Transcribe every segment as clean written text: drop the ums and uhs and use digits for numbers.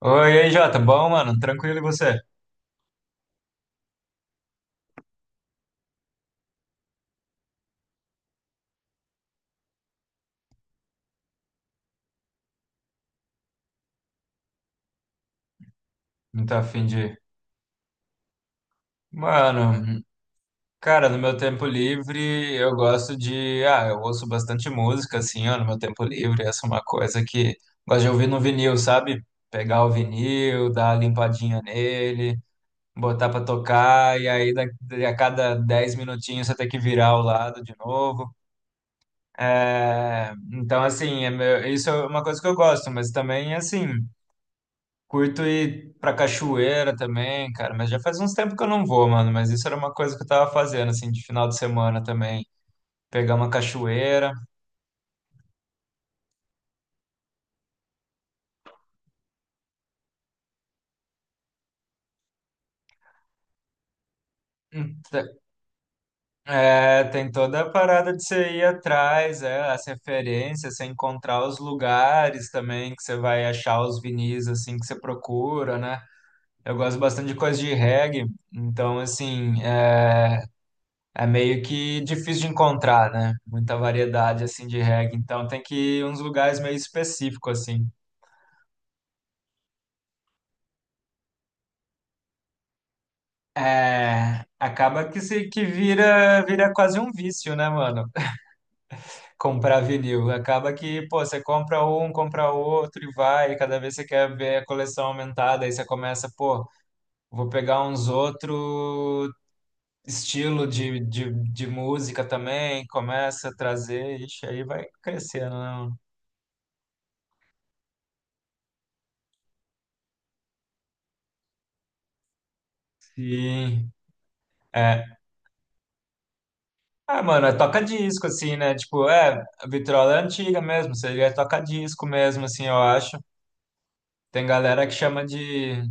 Oi, e aí, Jota. Bom, mano? Tranquilo e você? Não tá afim de... Mano, cara, no meu tempo livre eu gosto de... Ah, eu ouço bastante música, assim, ó, no meu tempo livre. Essa é uma coisa que gosto de ouvir no vinil, sabe? Pegar o vinil, dar uma limpadinha nele, botar pra tocar, e aí a cada 10 minutinhos você tem que virar o lado de novo. É, então, assim, isso é uma coisa que eu gosto, mas também, assim... Curto ir pra cachoeira também, cara, mas já faz uns tempos que eu não vou, mano. Mas isso era uma coisa que eu tava fazendo, assim, de final de semana também. Pegar uma cachoeira. Hum, te- É, tem toda a parada de você ir atrás, é, as referências, você encontrar os lugares também que você vai achar os vinis, assim, que você procura, né? Eu gosto bastante de coisa de reggae, então, assim, é, meio que difícil de encontrar, né? Muita variedade, assim, de reggae. Então, tem que ir em uns lugares meio específicos, assim. É, acaba que se que vira quase um vício, né, mano? Comprar vinil. Acaba que, pô, você compra um, compra outro e vai, e cada vez você quer ver a coleção aumentada, aí você começa, pô, vou pegar uns outro estilo de música também, começa a trazer, ixi, aí vai crescendo, né, mano? Sim. É. Ah, mano, é toca-disco, assim, né? Tipo, é, a vitrola é antiga mesmo, seria toca-disco mesmo, assim, eu acho. Tem galera que chama de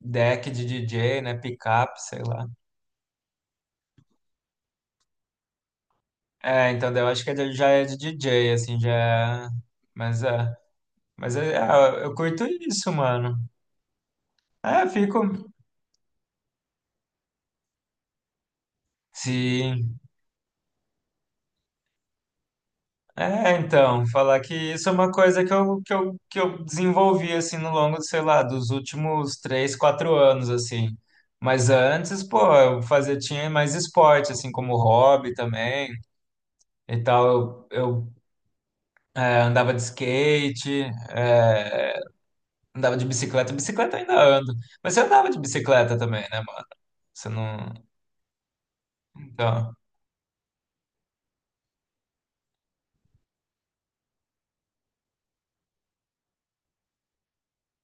deck de DJ, né? Pickup, sei lá. É, então daí eu acho que ele já é de DJ, assim, já é. Mas é. Mas é, eu curto isso, mano. É, fico. Sim. É, então, falar que isso é uma coisa que eu desenvolvi, assim, no longo, sei lá, dos últimos 3, 4 anos, assim. Mas antes, pô, eu fazia, tinha mais esporte, assim, como hobby também e tal. Andava de skate, é, andava de bicicleta. Bicicleta eu ainda ando. Mas você andava de bicicleta também, né, mano? Você não. Então.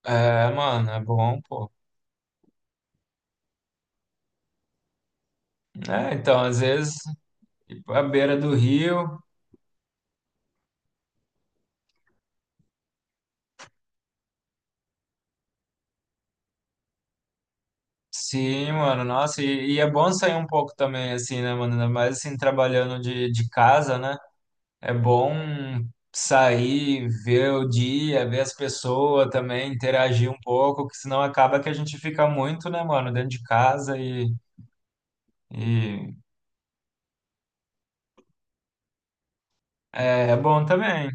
É, mano, é bom, pô. É, então, às vezes, ir à beira do rio. Sim, mano, nossa, e é bom sair um pouco também, assim, né, mano? Ainda mais assim, trabalhando de casa, né? É bom sair, ver o dia, ver as pessoas também, interagir um pouco, que senão acaba que a gente fica muito, né, mano, dentro de casa e E é bom também,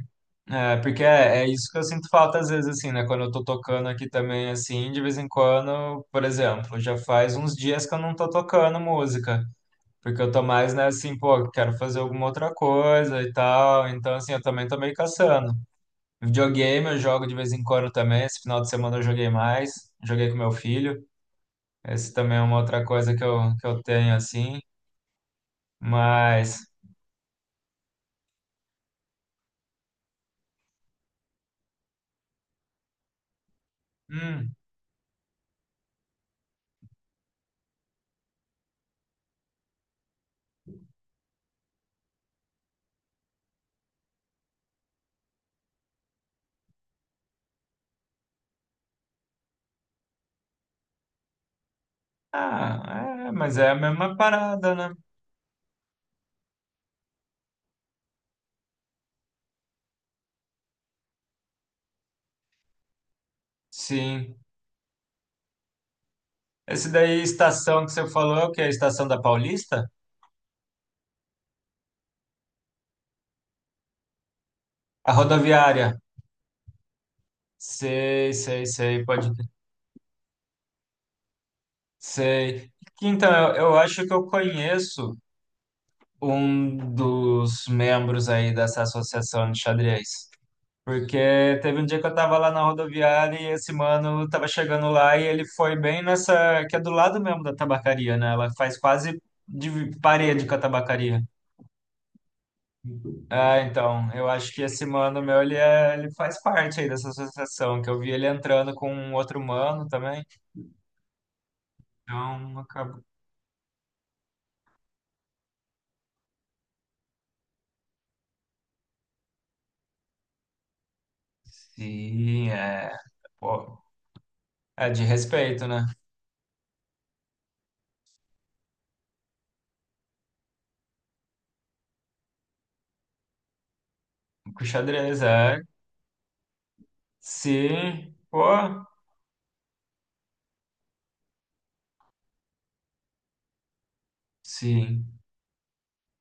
é, porque é isso que eu sinto falta às vezes, assim, né? Quando eu tô tocando aqui também, assim, de vez em quando, por exemplo, já faz uns dias que eu não tô tocando música, porque eu tô mais, né, assim, pô, quero fazer alguma outra coisa e tal, então, assim, eu também tô meio caçando. Videogame eu jogo de vez em quando também, esse final de semana eu joguei mais, joguei com meu filho, esse também é uma outra coisa que eu, tenho, assim, mas... hum, ah, é, mas é a mesma parada, né? Sim. Esse daí, estação que você falou, é o que é a estação da Paulista? A rodoviária. Sei, sei, sei, pode. Sei. Então, eu acho que eu conheço um dos membros aí dessa associação de xadrez. Porque teve um dia que eu tava lá na rodoviária e esse mano tava chegando lá e ele foi bem nessa, que é do lado mesmo da tabacaria, né? Ela faz quase de parede com a tabacaria. Ah, então, eu acho que esse mano meu, ele faz parte aí dessa associação, que eu vi ele entrando com um outro mano também, então acabou. Sim, é, pô, é de respeito, né? Com o xadrez, é, sim, pô, sim.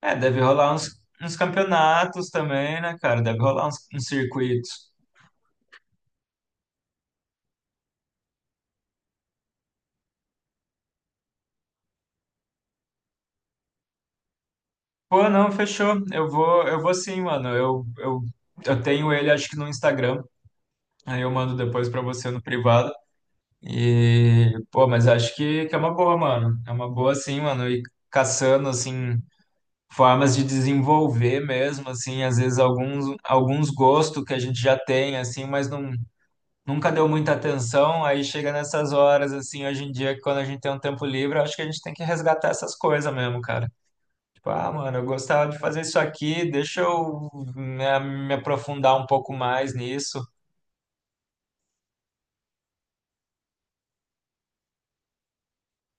É, deve rolar uns, uns, campeonatos também, né, cara? Deve rolar uns circuitos. Pô, não, fechou, eu vou sim, mano, eu tenho ele, acho que no Instagram, aí eu mando depois pra você no privado. E, pô, mas acho que é uma boa, mano. É uma boa, assim, mano. E caçando, assim, formas de desenvolver mesmo, assim, às vezes alguns gostos que a gente já tem, assim, mas não, nunca deu muita atenção. Aí chega nessas horas, assim, hoje em dia, que quando a gente tem um tempo livre, eu acho que a gente tem que resgatar essas coisas mesmo, cara. Tipo, ah, mano, eu gostava de fazer isso aqui, deixa eu me aprofundar um pouco mais nisso.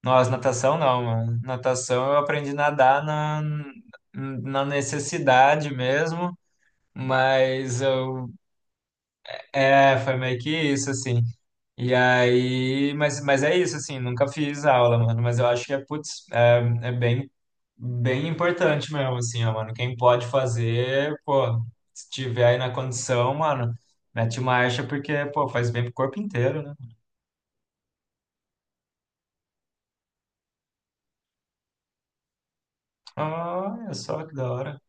Nossa, natação não, mano. Natação eu aprendi a nadar na necessidade mesmo, mas foi meio que isso, assim. E aí, mas é isso, assim, nunca fiz aula, mano, mas eu acho que é, putz, é bem, bem importante mesmo, assim, ó, mano. Quem pode fazer, pô, se tiver aí na condição, mano, mete marcha, porque, pô, faz bem pro corpo inteiro, né? Olha só que da hora.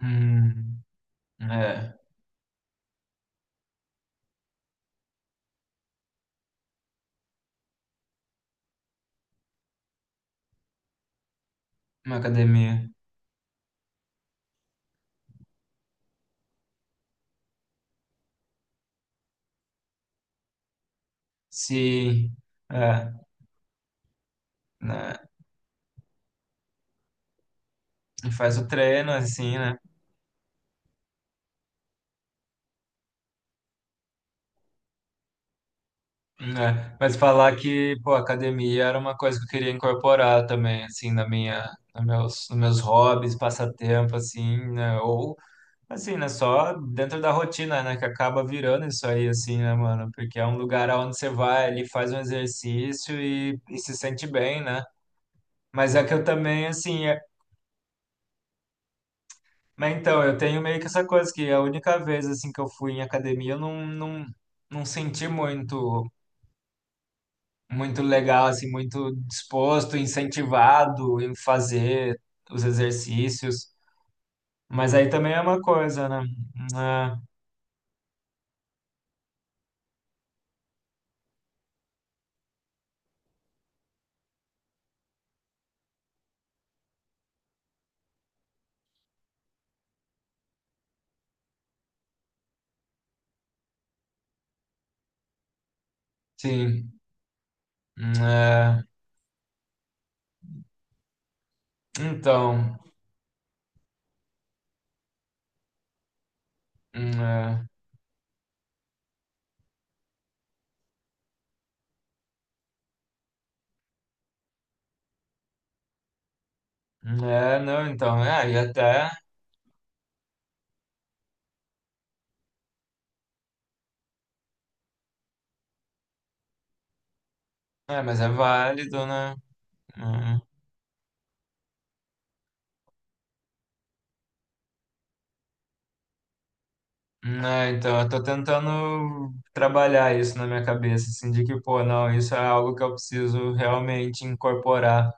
Hum, É, uma academia. Se é, né, e faz o treino assim, né? Né? Mas falar que, pô, academia era uma coisa que eu queria incorporar também, assim, na minha, nos meus hobbies, passatempo, assim, né? Ou assim, né? Só dentro da rotina, né? Que acaba virando isso aí, assim, né, mano? Porque é um lugar onde você vai ali, faz um exercício e se sente bem, né? Mas é que eu também, assim, mas então, eu tenho meio que essa coisa que a única vez assim que eu fui em academia eu não, não, não senti muito muito legal assim, muito disposto, incentivado em fazer os exercícios. Mas aí também é uma coisa, né? Ah, sim. Ah, então, ah, é, é, não, então, é, e até, é, mas é válido, né? Hum. Não, então, eu tô tentando trabalhar isso na minha cabeça, assim, de que, pô, não, isso é algo que eu preciso realmente incorporar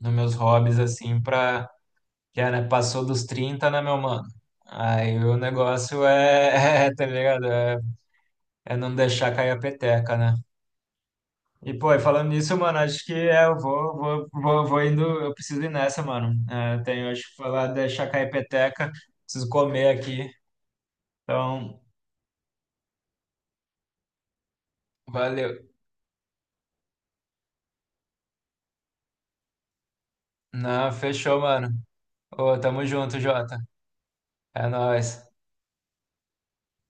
nos meus hobbies, assim, pra, que é, né, passou dos 30, né, meu mano? Aí o negócio é, é, tá ligado? É não deixar cair a peteca, né? E, pô, e falando nisso, mano, acho que é, eu vou indo, eu preciso ir nessa, mano. É, tenho, acho que falar, deixar cair a peteca, preciso comer aqui, então, valeu. Não, fechou, mano. Ô, tamo junto, Jota. É nóis.